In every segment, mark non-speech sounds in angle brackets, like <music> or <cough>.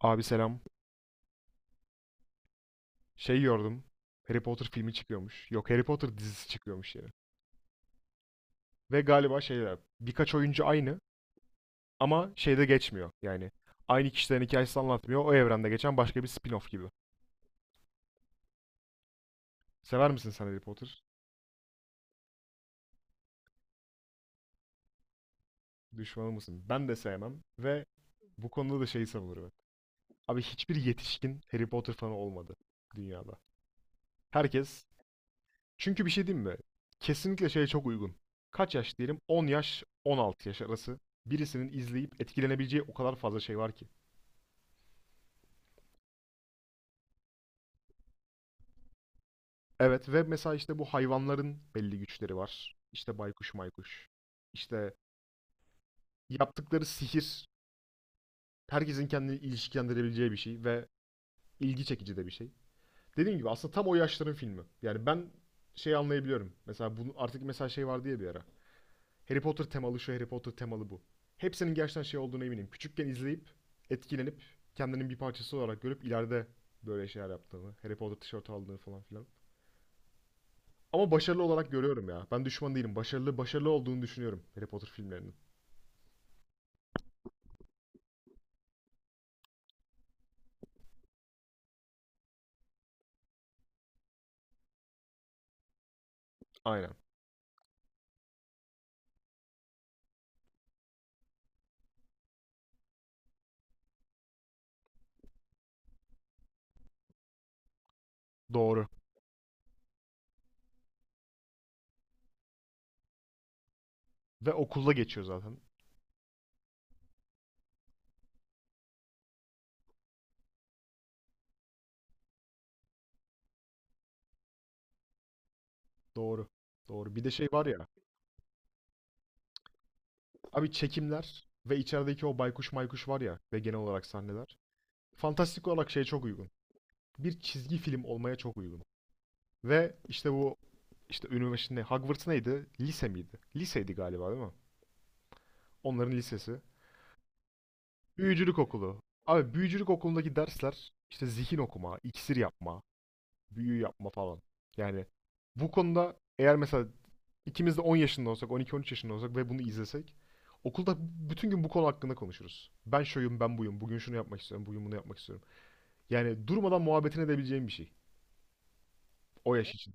Abi selam. Şey gördüm. Harry Potter filmi çıkıyormuş. Yok, Harry Potter dizisi çıkıyormuş yani. Ve galiba şeyler, birkaç oyuncu aynı ama şeyde geçmiyor. Yani aynı kişilerin hikayesi anlatmıyor. O evrende geçen başka bir spin-off gibi. Sever misin sen Harry Potter? Düşmanı mısın? Ben de sevmem ve bu konuda da şeyi savunurum. Abi hiçbir yetişkin Harry Potter fanı olmadı dünyada. Herkes Çünkü bir şey diyeyim mi? Kesinlikle şeye çok uygun. Kaç yaş diyelim? 10 yaş, 16 yaş arası. Birisinin izleyip etkilenebileceği o kadar fazla şey var ki. Evet, ve mesela işte bu hayvanların belli güçleri var. İşte baykuş maykuş. İşte yaptıkları sihir herkesin kendini ilişkilendirebileceği bir şey ve ilgi çekici de bir şey. Dediğim gibi aslında tam o yaşların filmi. Yani ben şey anlayabiliyorum. Mesela bunu artık, mesela şey vardı ya bir ara. Harry Potter temalı şu, Harry Potter temalı bu. Hepsinin gerçekten şey olduğunu eminim. Küçükken izleyip etkilenip kendinin bir parçası olarak görüp ileride böyle şeyler yaptığını, Harry Potter tişörtü aldığını falan filan. Ama başarılı olarak görüyorum ya. Ben düşman değilim. Başarılı olduğunu düşünüyorum Harry Potter filmlerinin. Aynen. Doğru. Ve okulda geçiyor zaten. Doğru. Doğru. Bir de şey var ya. Abi çekimler ve içerideki o baykuş maykuş var ya ve genel olarak sahneler. Fantastik olarak şeye çok uygun. Bir çizgi film olmaya çok uygun. Ve işte bu, işte üniversite ne- Hogwarts neydi? Lise miydi? Liseydi galiba, değil mi? Onların lisesi. Büyücülük okulu. Abi büyücülük okulundaki dersler işte zihin okuma, iksir yapma, büyü yapma falan. Yani bu konuda eğer mesela ikimiz de 10 yaşında olsak, 12-13 yaşında olsak ve bunu izlesek, okulda bütün gün bu konu hakkında konuşuruz. Ben şuyum, ben buyum. Bugün şunu yapmak istiyorum, bugün bunu yapmak istiyorum. Yani durmadan muhabbetini edebileceğim bir şey. O yaş için.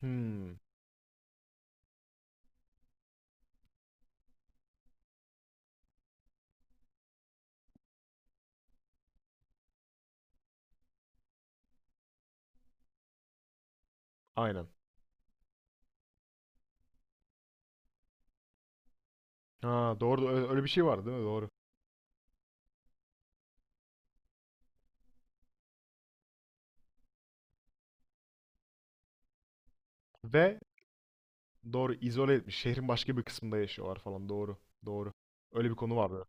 Hmm, aynen. Ha, doğru. Öyle öyle bir şey vardı, değil mi? Doğru. Ve doğru, izole etmiş. Şehrin başka bir kısmında yaşıyorlar falan. Doğru. Doğru. Öyle bir konu vardı.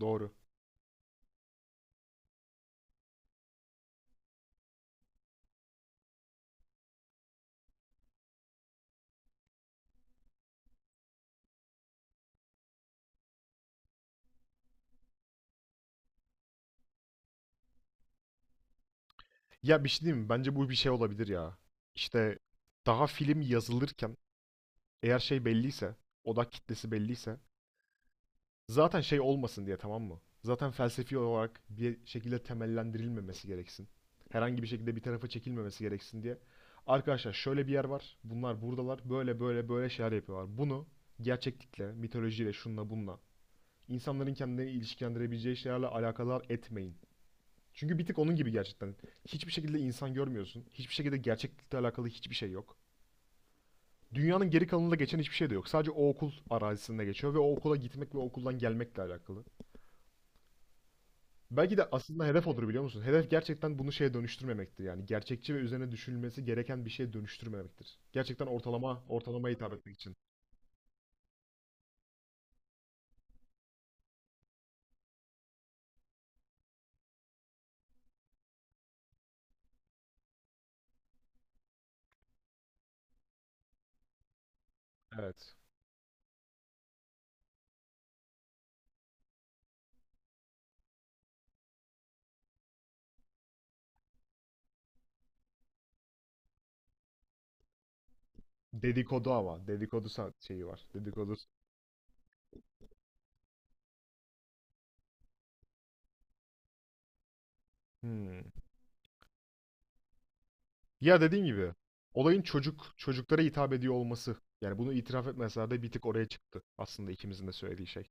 Doğru. Ya bir şey diyeyim mi? Bence bu bir şey olabilir ya. İşte daha film yazılırken, eğer şey belliyse, odak kitlesi belliyse, zaten şey olmasın diye, tamam mı? Zaten felsefi olarak bir şekilde temellendirilmemesi gereksin. Herhangi bir şekilde bir tarafa çekilmemesi gereksin diye. Arkadaşlar şöyle bir yer var. Bunlar buradalar. Böyle böyle böyle şeyler yapıyorlar. Bunu gerçeklikle, mitolojiyle, şunla bununla, insanların kendini ilişkilendirebileceği şeylerle alakadar etmeyin. Çünkü bir tık onun gibi gerçekten. Hiçbir şekilde insan görmüyorsun. Hiçbir şekilde gerçeklikle alakalı hiçbir şey yok. Dünyanın geri kalanında geçen hiçbir şey de yok. Sadece o okul arazisinde geçiyor ve o okula gitmek ve o okuldan gelmekle alakalı. Belki de aslında hedef odur, biliyor musun? Hedef gerçekten bunu şeye dönüştürmemektir yani. Gerçekçi ve üzerine düşünülmesi gereken bir şeye dönüştürmemektir. Gerçekten ortalama hitap etmek için. Evet. Dedikodu ama. Dedikodu şeyi var. Dedikodu. Hmm. Ya dediğim gibi olayın çocuklara hitap ediyor olması. Yani bunu itiraf etmeseler de bir tık oraya çıktı aslında ikimizin de söylediği şey.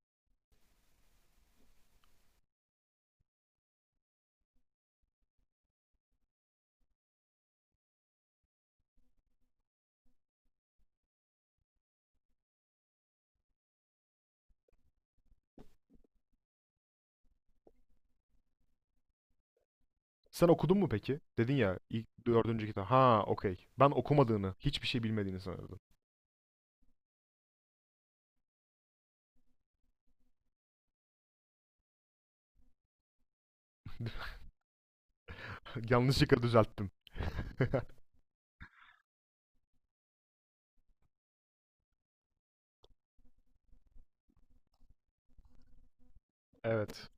Sen okudun mu peki? Dedin ya ilk dördüncü kitap. Ha, okey. Ben okumadığını, hiçbir şey bilmediğini sanırdım. <laughs> Yanlışlıkla düzelttim. <laughs> Evet.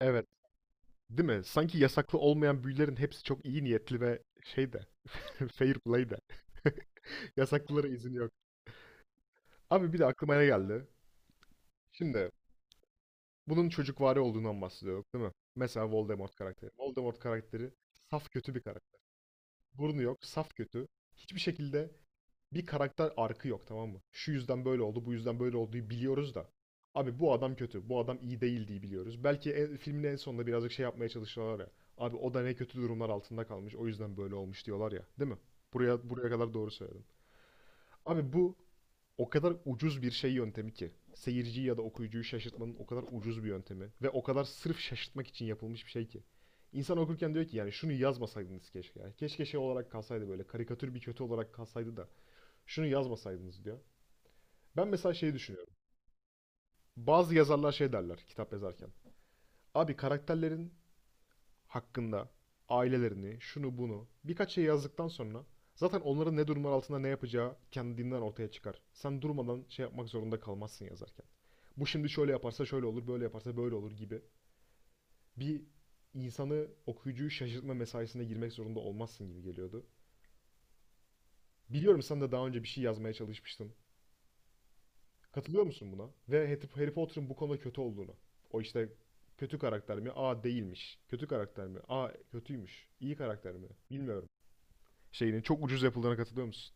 Evet. Değil mi? Sanki yasaklı olmayan büyülerin hepsi çok iyi niyetli ve şey de, <laughs> fair play de. <laughs> Yasaklılara izin yok. Abi bir de aklıma ne geldi? Şimdi bunun çocukvari olduğundan bahsediyor, değil mi? Mesela Voldemort karakteri. Voldemort karakteri saf kötü bir karakter. Burnu yok, saf kötü. Hiçbir şekilde bir karakter arkı yok, tamam mı? Şu yüzden böyle oldu, bu yüzden böyle olduğu biliyoruz da. Abi bu adam kötü, bu adam iyi değil diye biliyoruz. Belki en, filmin en sonunda birazcık şey yapmaya çalışıyorlar ya. Abi o da ne kötü durumlar altında kalmış, o yüzden böyle olmuş diyorlar ya, değil mi? Buraya kadar doğru söyledim. Abi bu o kadar ucuz bir şey yöntemi ki. Seyirciyi ya da okuyucuyu şaşırtmanın o kadar ucuz bir yöntemi ve o kadar sırf şaşırtmak için yapılmış bir şey ki. İnsan okurken diyor ki yani şunu yazmasaydınız keşke, ya. Keşke şey olarak kalsaydı, böyle karikatür bir kötü olarak kalsaydı da şunu yazmasaydınız diyor. Ben mesela şey düşünüyorum. Bazı yazarlar şey derler kitap yazarken. Abi karakterlerin hakkında ailelerini, şunu bunu birkaç şey yazdıktan sonra zaten onların ne durumlar altında ne yapacağı kendinden ortaya çıkar. Sen durmadan şey yapmak zorunda kalmazsın yazarken. Bu şimdi şöyle yaparsa şöyle olur, böyle yaparsa böyle olur gibi bir, insanı, okuyucuyu şaşırtma mesaisine girmek zorunda olmazsın gibi geliyordu. Biliyorum sen de daha önce bir şey yazmaya çalışmıştın. Katılıyor musun buna? Ve Harry Potter'ın bu konuda kötü olduğunu. O işte kötü karakter mi? Aa, değilmiş. Kötü karakter mi? Aa, kötüymüş. İyi karakter mi? Bilmiyorum. Şeyinin çok ucuz yapıldığına katılıyor musun?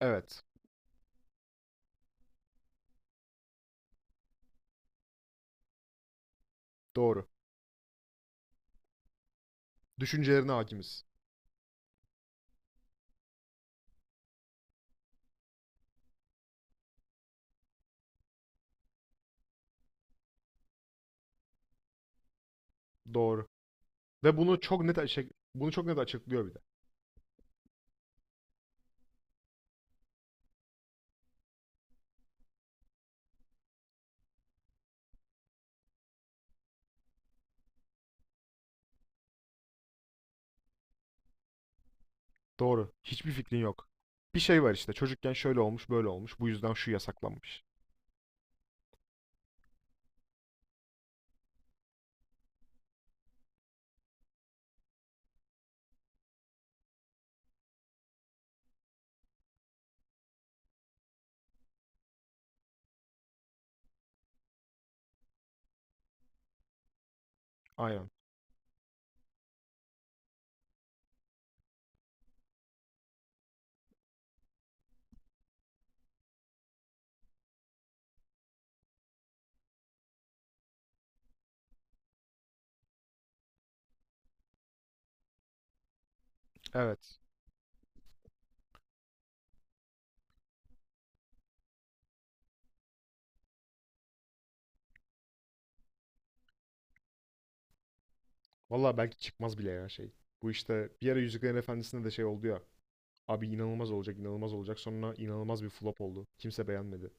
Evet. Doğru. Düşüncelerine hakimiz. Doğru. Ve bunu çok net açıklıyor bir de. Doğru. Hiçbir fikrin yok. Bir şey var işte. Çocukken şöyle olmuş, böyle olmuş. Bu yüzden şu yasaklanmış. Aynen. Evet. Vallahi belki çıkmaz bile ya şey. Bu işte bir ara Yüzüklerin Efendisi'nde de şey oldu ya. Abi inanılmaz olacak, inanılmaz olacak. Sonra inanılmaz bir flop oldu. Kimse beğenmedi.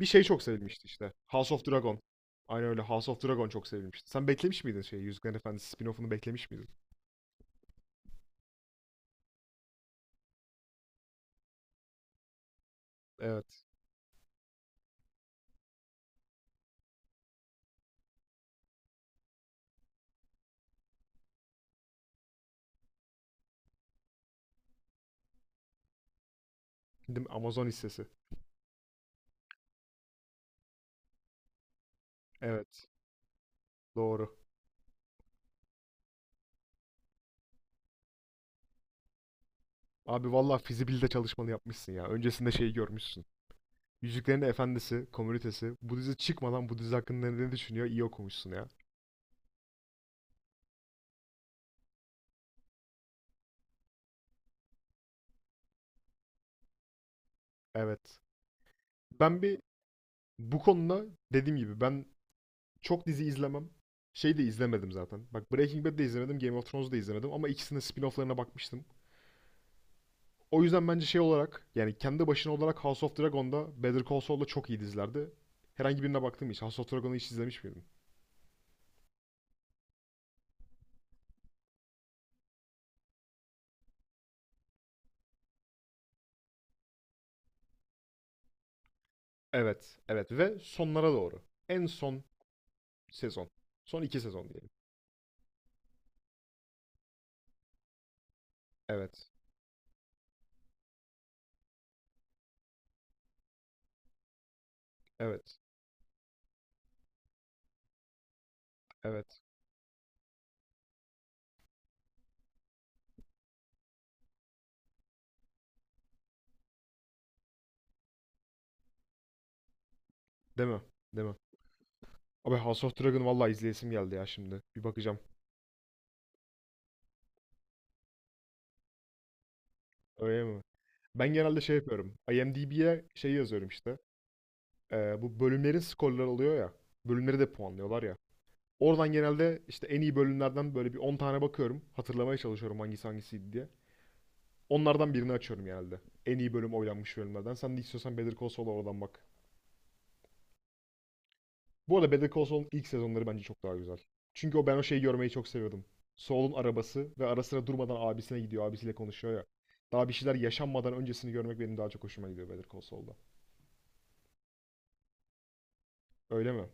Bir şey çok sevilmişti işte. House of Dragon. Aynen öyle. House of Dragon çok sevilmişti. Sen beklemiş miydin şeyi? Yüzüklerin Efendisi spin-off'unu beklemiş miydin? Evet. Değil mi? Amazon hissesi. Evet. Doğru. Abi valla fizibilite çalışmanı yapmışsın ya. Öncesinde şeyi görmüşsün. Yüzüklerin Efendisi, komünitesi. Bu dizi çıkmadan bu dizi hakkında ne düşünüyor? İyi okumuşsun ya. Evet. Ben bir bu konuda, dediğim gibi, ben çok dizi izlemem. Şey de izlemedim zaten. Bak Breaking Bad'de izlemedim, Game of Thrones'da izlemedim ama ikisinin spin-off'larına bakmıştım. O yüzden bence şey olarak, yani kendi başına olarak, House of Dragon'da Better Call Saul'da çok iyi dizilerdi. Herhangi birine baktın mı hiç? House of Dragon'u hiç izlemiş miydin? Evet, evet ve sonlara doğru. En son sezon. Son iki sezon diyelim. Evet, evet, evet. Değil mi? Değil mi? Abi House of Dragon vallahi izleyesim geldi ya şimdi. Bir bakacağım. Öyle mi? Ben genelde şey yapıyorum. IMDb'ye şey yazıyorum işte. Bu bölümlerin skorları oluyor ya. Bölümleri de puanlıyorlar ya. Oradan genelde işte en iyi bölümlerden böyle bir 10 tane bakıyorum. Hatırlamaya çalışıyorum hangisi hangisiydi diye. Onlardan birini açıyorum genelde. En iyi bölüm, oylanmış bölümlerden. Sen de istiyorsan Better Call Saul'a oradan bak. Bu arada Better Call Saul'un ilk sezonları bence çok daha güzel. Çünkü o, ben o şeyi görmeyi çok seviyordum. Saul'un arabası ve ara sıra durmadan abisine gidiyor, abisiyle konuşuyor ya. Daha bir şeyler yaşanmadan öncesini görmek benim daha çok hoşuma gidiyor Better Call Saul'da. Öyle mi?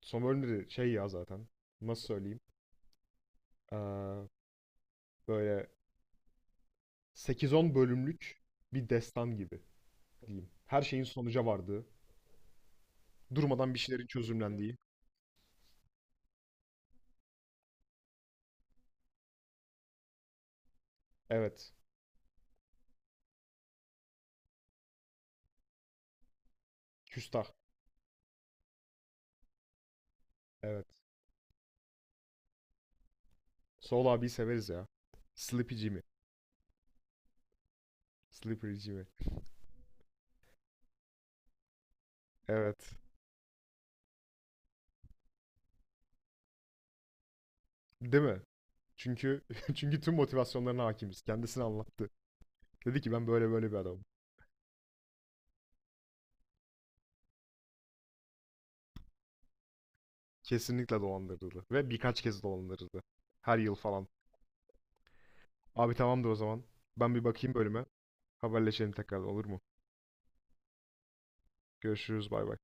Son bölümleri şey ya zaten. Nasıl söyleyeyim? Ee, böyle sekiz on bölümlük bir destan gibi diyeyim. Her şeyin sonuca vardığı, durmadan bir şeylerin çözümlendiği. Evet. Küstah. Evet. Saul abiyi severiz ya. Sleepy Jimmy. Slippery Jimmy. Evet. Değil mi? Çünkü <laughs> çünkü tüm motivasyonlarına hakimiz. Kendisini anlattı. Dedi ki ben böyle böyle bir adamım. Kesinlikle dolandırıldı. Ve birkaç kez dolandırıldı. Her yıl falan. Abi tamamdır o zaman. Ben bir bakayım bölüme. Haberleşelim tekrar, olur mu? Görüşürüz, bay bay.